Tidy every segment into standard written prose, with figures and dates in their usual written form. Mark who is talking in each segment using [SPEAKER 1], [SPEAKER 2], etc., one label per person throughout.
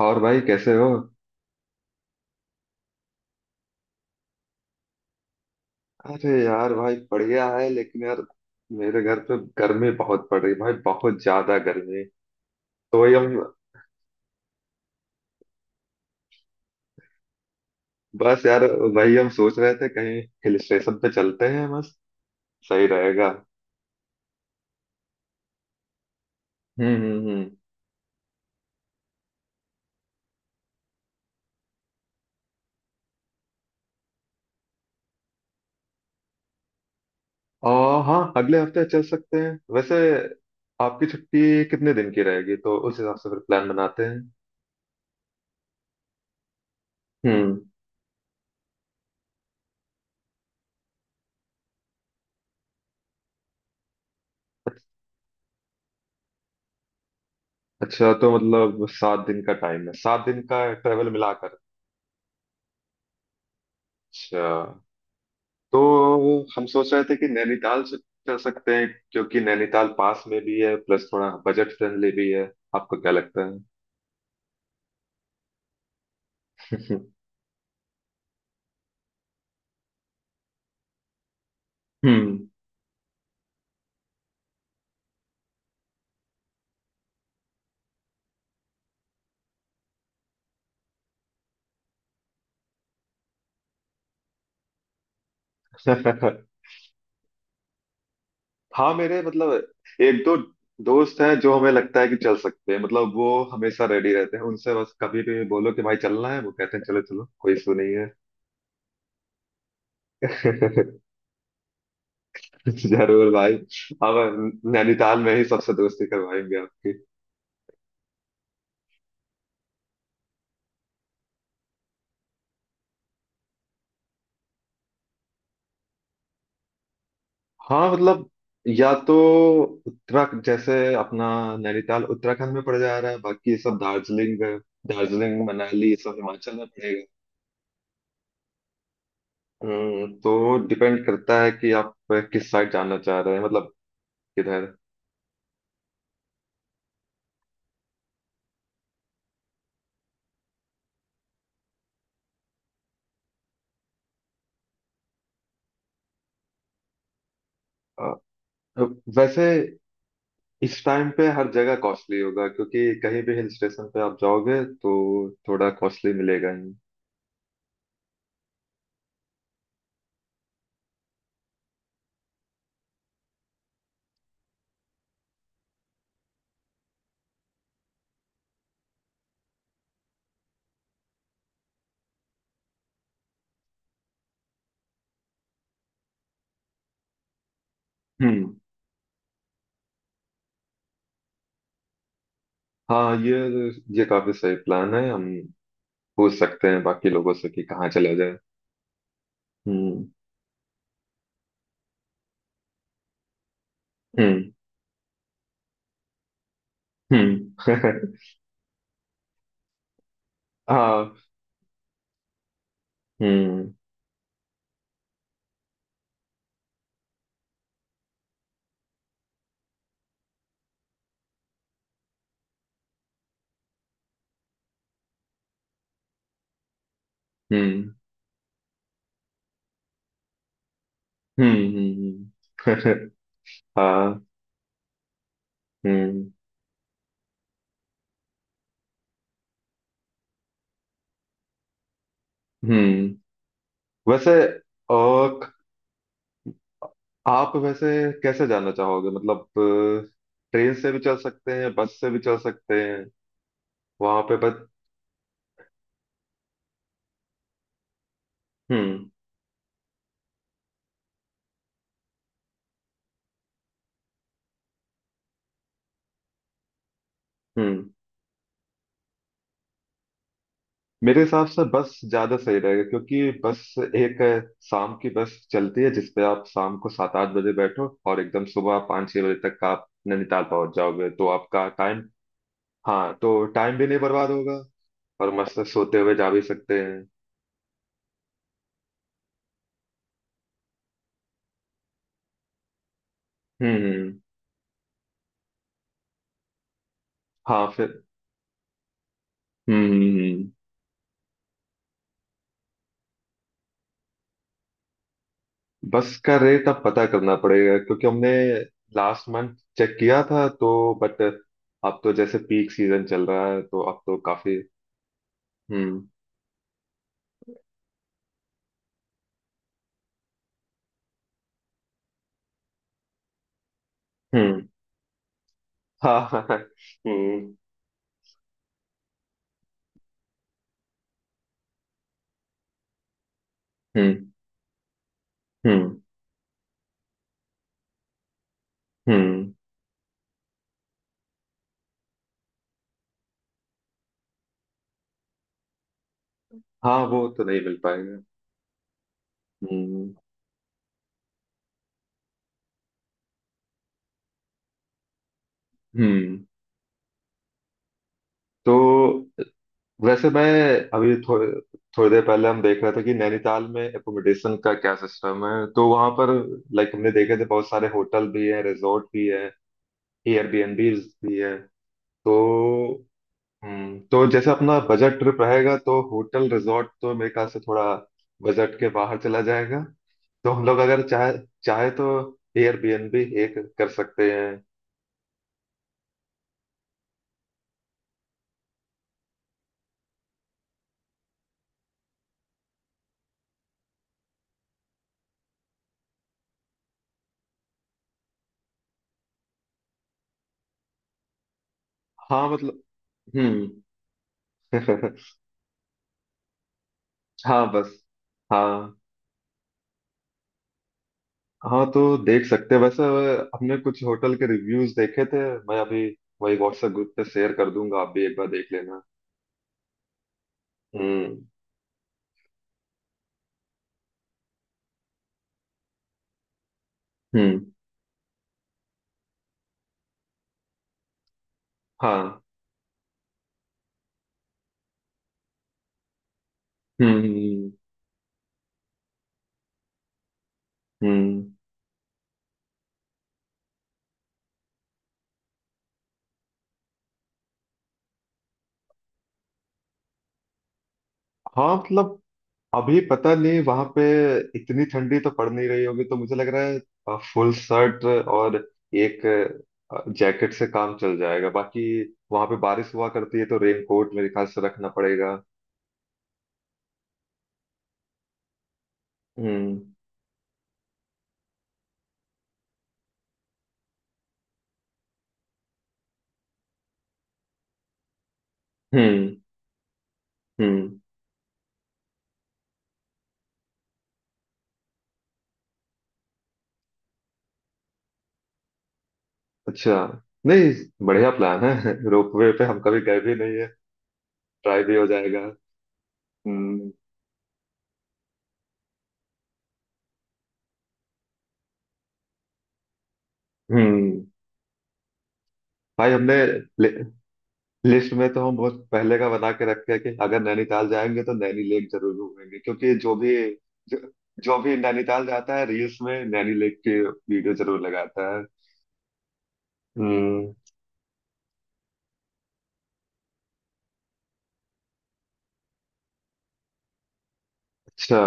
[SPEAKER 1] और भाई कैसे हो? अरे यार भाई बढ़िया है लेकिन यार मेरे घर पे गर्मी बहुत पड़ रही है भाई, बहुत ज्यादा गर्मी। तो वही हम, बस यार, वही हम सोच रहे थे कहीं हिल स्टेशन पे चलते हैं बस। सही रहेगा। हम्म। और हाँ, अगले हफ्ते चल सकते हैं वैसे। आपकी छुट्टी कितने दिन की रहेगी तो उस हिसाब से फिर प्लान बनाते हैं। हम्म। अच्छा, तो मतलब 7 दिन का टाइम है, 7 दिन का ट्रेवल मिलाकर। अच्छा। तो हम सोच रहे थे कि नैनीताल से चल सकते हैं क्योंकि नैनीताल पास में भी है, प्लस थोड़ा बजट फ्रेंडली भी है। आपको क्या लगता है? हम्म। हाँ, मेरे मतलब एक दो दोस्त हैं जो हमें लगता है कि चल सकते हैं। मतलब वो हमेशा रेडी रहते हैं, उनसे बस कभी भी बोलो कि भाई चलना है, वो कहते हैं चलो चलो, कोई इशू नहीं है। जरूर भाई। अब नैनीताल में ही सबसे दोस्ती करवाएंगे। हाँ मतलब, या तो उत्तराखंड, जैसे अपना नैनीताल उत्तराखंड में पड़ जा रहा है, बाकी ये सब दार्जिलिंग, दार्जिलिंग मनाली ये सब हिमाचल में पड़ेगा। तो डिपेंड करता है कि आप किस साइड जाना चाह रहे हैं, मतलब किधर। अ, वैसे इस टाइम पे हर जगह कॉस्टली होगा क्योंकि कहीं भी हिल स्टेशन पे आप जाओगे तो थोड़ा कॉस्टली मिलेगा ही। हम्म। हाँ ये काफी सही प्लान है। हम पूछ सकते हैं बाकी लोगों से कि कहाँ चला जाए। हम्म हम्म हम्म। हाँ। हम्म हम्म हम्म हम्म, हम्म। हाँ। हम्म हम्म। वैसे। और आप वैसे कैसे जाना चाहोगे? मतलब ट्रेन से भी चल सकते हैं, बस से भी चल सकते हैं, वहां पे बस। हम्म हम्म। मेरे हिसाब से बस ज्यादा सही रहेगा क्योंकि बस एक है, शाम की बस चलती है जिसपे आप शाम को 7-8 बजे बैठो और एकदम सुबह 5-6 बजे तक आप नैनीताल पहुंच जाओगे, तो आपका टाइम। हाँ, तो टाइम भी नहीं बर्बाद होगा और मस्त सोते हुए जा भी सकते हैं। हम्म हम्म, हाँ फिर। हम्म हम्म, हम्म। बस का रेट अब पता करना पड़ेगा क्योंकि हमने लास्ट मंथ चेक किया था तो, बट अब तो जैसे पीक सीजन चल रहा है तो अब तो काफी। हम्म। हम्म। हाँ हाँ हाँ, हम्म। हम्म हम्म हम्म। हाँ वो तो नहीं मिल पाएगा। हम्म। हम्म। तो वैसे मैं अभी थोड़े, थोड़ी देर पहले हम देख रहे थे कि नैनीताल में एकोमोडेशन का क्या सिस्टम है। तो वहां पर, लाइक, हमने देखे थे बहुत सारे होटल भी है, रिजॉर्ट भी है, एयरबीएनबीज भी है। तो तो जैसे अपना बजट ट्रिप रहेगा तो होटल रिजॉर्ट तो मेरे ख्याल से थोड़ा बजट के बाहर चला जाएगा। तो हम लोग अगर चाहे चाहे तो एयरबीएनबी एक कर सकते हैं। हाँ मतलब। हम्म। हाँ बस। हाँ। हाँ तो देख सकते हैं वैसे। हमने कुछ होटल के रिव्यूज देखे थे। मैं अभी वही व्हाट्सएप ग्रुप पे शेयर कर दूंगा, आप भी एक बार देख लेना। हम्म हम्म। हाँ। हम्म हम्म हम्म। हाँ मतलब, अभी पता नहीं वहां पे इतनी ठंडी तो पड़ नहीं रही होगी, तो मुझे लग रहा है फुल शर्ट और एक जैकेट से काम चल जाएगा। बाकी वहां पे बारिश हुआ करती है तो रेन कोट मेरे ख्याल से रखना पड़ेगा। हम्म हम्म हम्म। अच्छा। नहीं, बढ़िया प्लान है। रोपवे पे हम कभी गए भी नहीं है, ट्राई भी हो जाएगा। हम्म। हम्म भाई, हमने लि, लिस्ट में तो हम बहुत पहले का बना के रखे हैं कि अगर नैनीताल जाएंगे तो नैनी लेक जरूर घूमेंगे, क्योंकि जो भी जो, जो भी नैनीताल जाता है रील्स में नैनी लेक की वीडियो जरूर लगाता है। हम्म। अच्छा।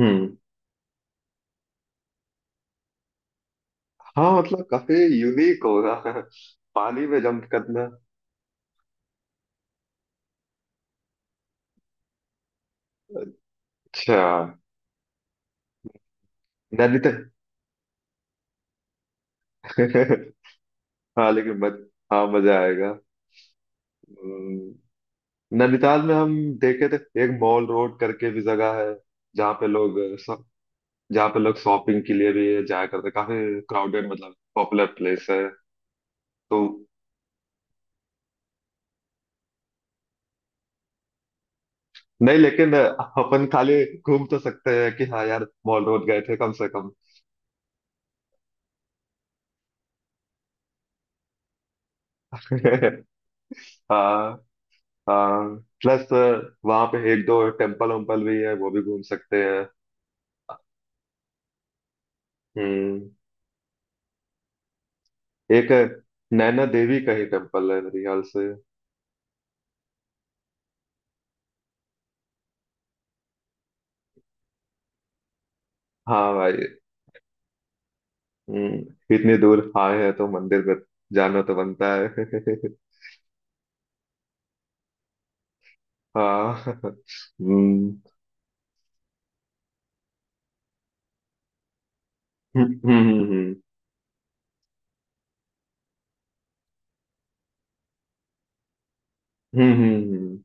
[SPEAKER 1] हम्म। हाँ मतलब, काफी यूनिक होगा। पानी में जंप करना। अच्छा। नैनीताल। हाँ लेकिन हाँ मजा आएगा। हम्म, नैनीताल में हम देखे थे एक मॉल रोड करके भी जगह है, जहाँ पे लोग शॉ- जहाँ पे लोग शॉपिंग के लिए भी जाया करते हैं। काफी क्राउडेड, मतलब पॉपुलर प्लेस है। तो नहीं, लेकिन अपन खाली घूम तो सकते हैं कि हाँ यार मॉल रोड गए थे कम से कम। हाँ। हाँ। प्लस वहाँ पे एक दो टेम्पल वेम्पल भी है, वो भी घूम सकते हैं। हम्म। एक, नैना देवी का ही टेम्पल है मेरे ख्याल से। हाँ भाई। हम्म, इतनी दूर आए हैं तो मंदिर में जाना तो बनता है। हाँ। हम्म। हम्म हम्म हम्म हम्म।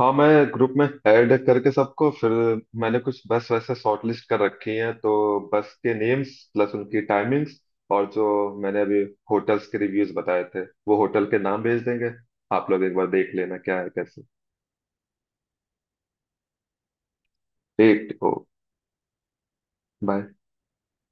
[SPEAKER 1] हाँ, मैं ग्रुप में ऐड करके सबको, फिर मैंने कुछ बस वैसे शॉर्ट लिस्ट कर रखी है, तो बस के नेम्स प्लस उनकी टाइमिंग्स, और जो मैंने अभी होटल्स के रिव्यूज बताए थे वो होटल के नाम भेज देंगे। आप लोग एक बार देख लेना क्या है कैसे। ठीक ओ। बाय।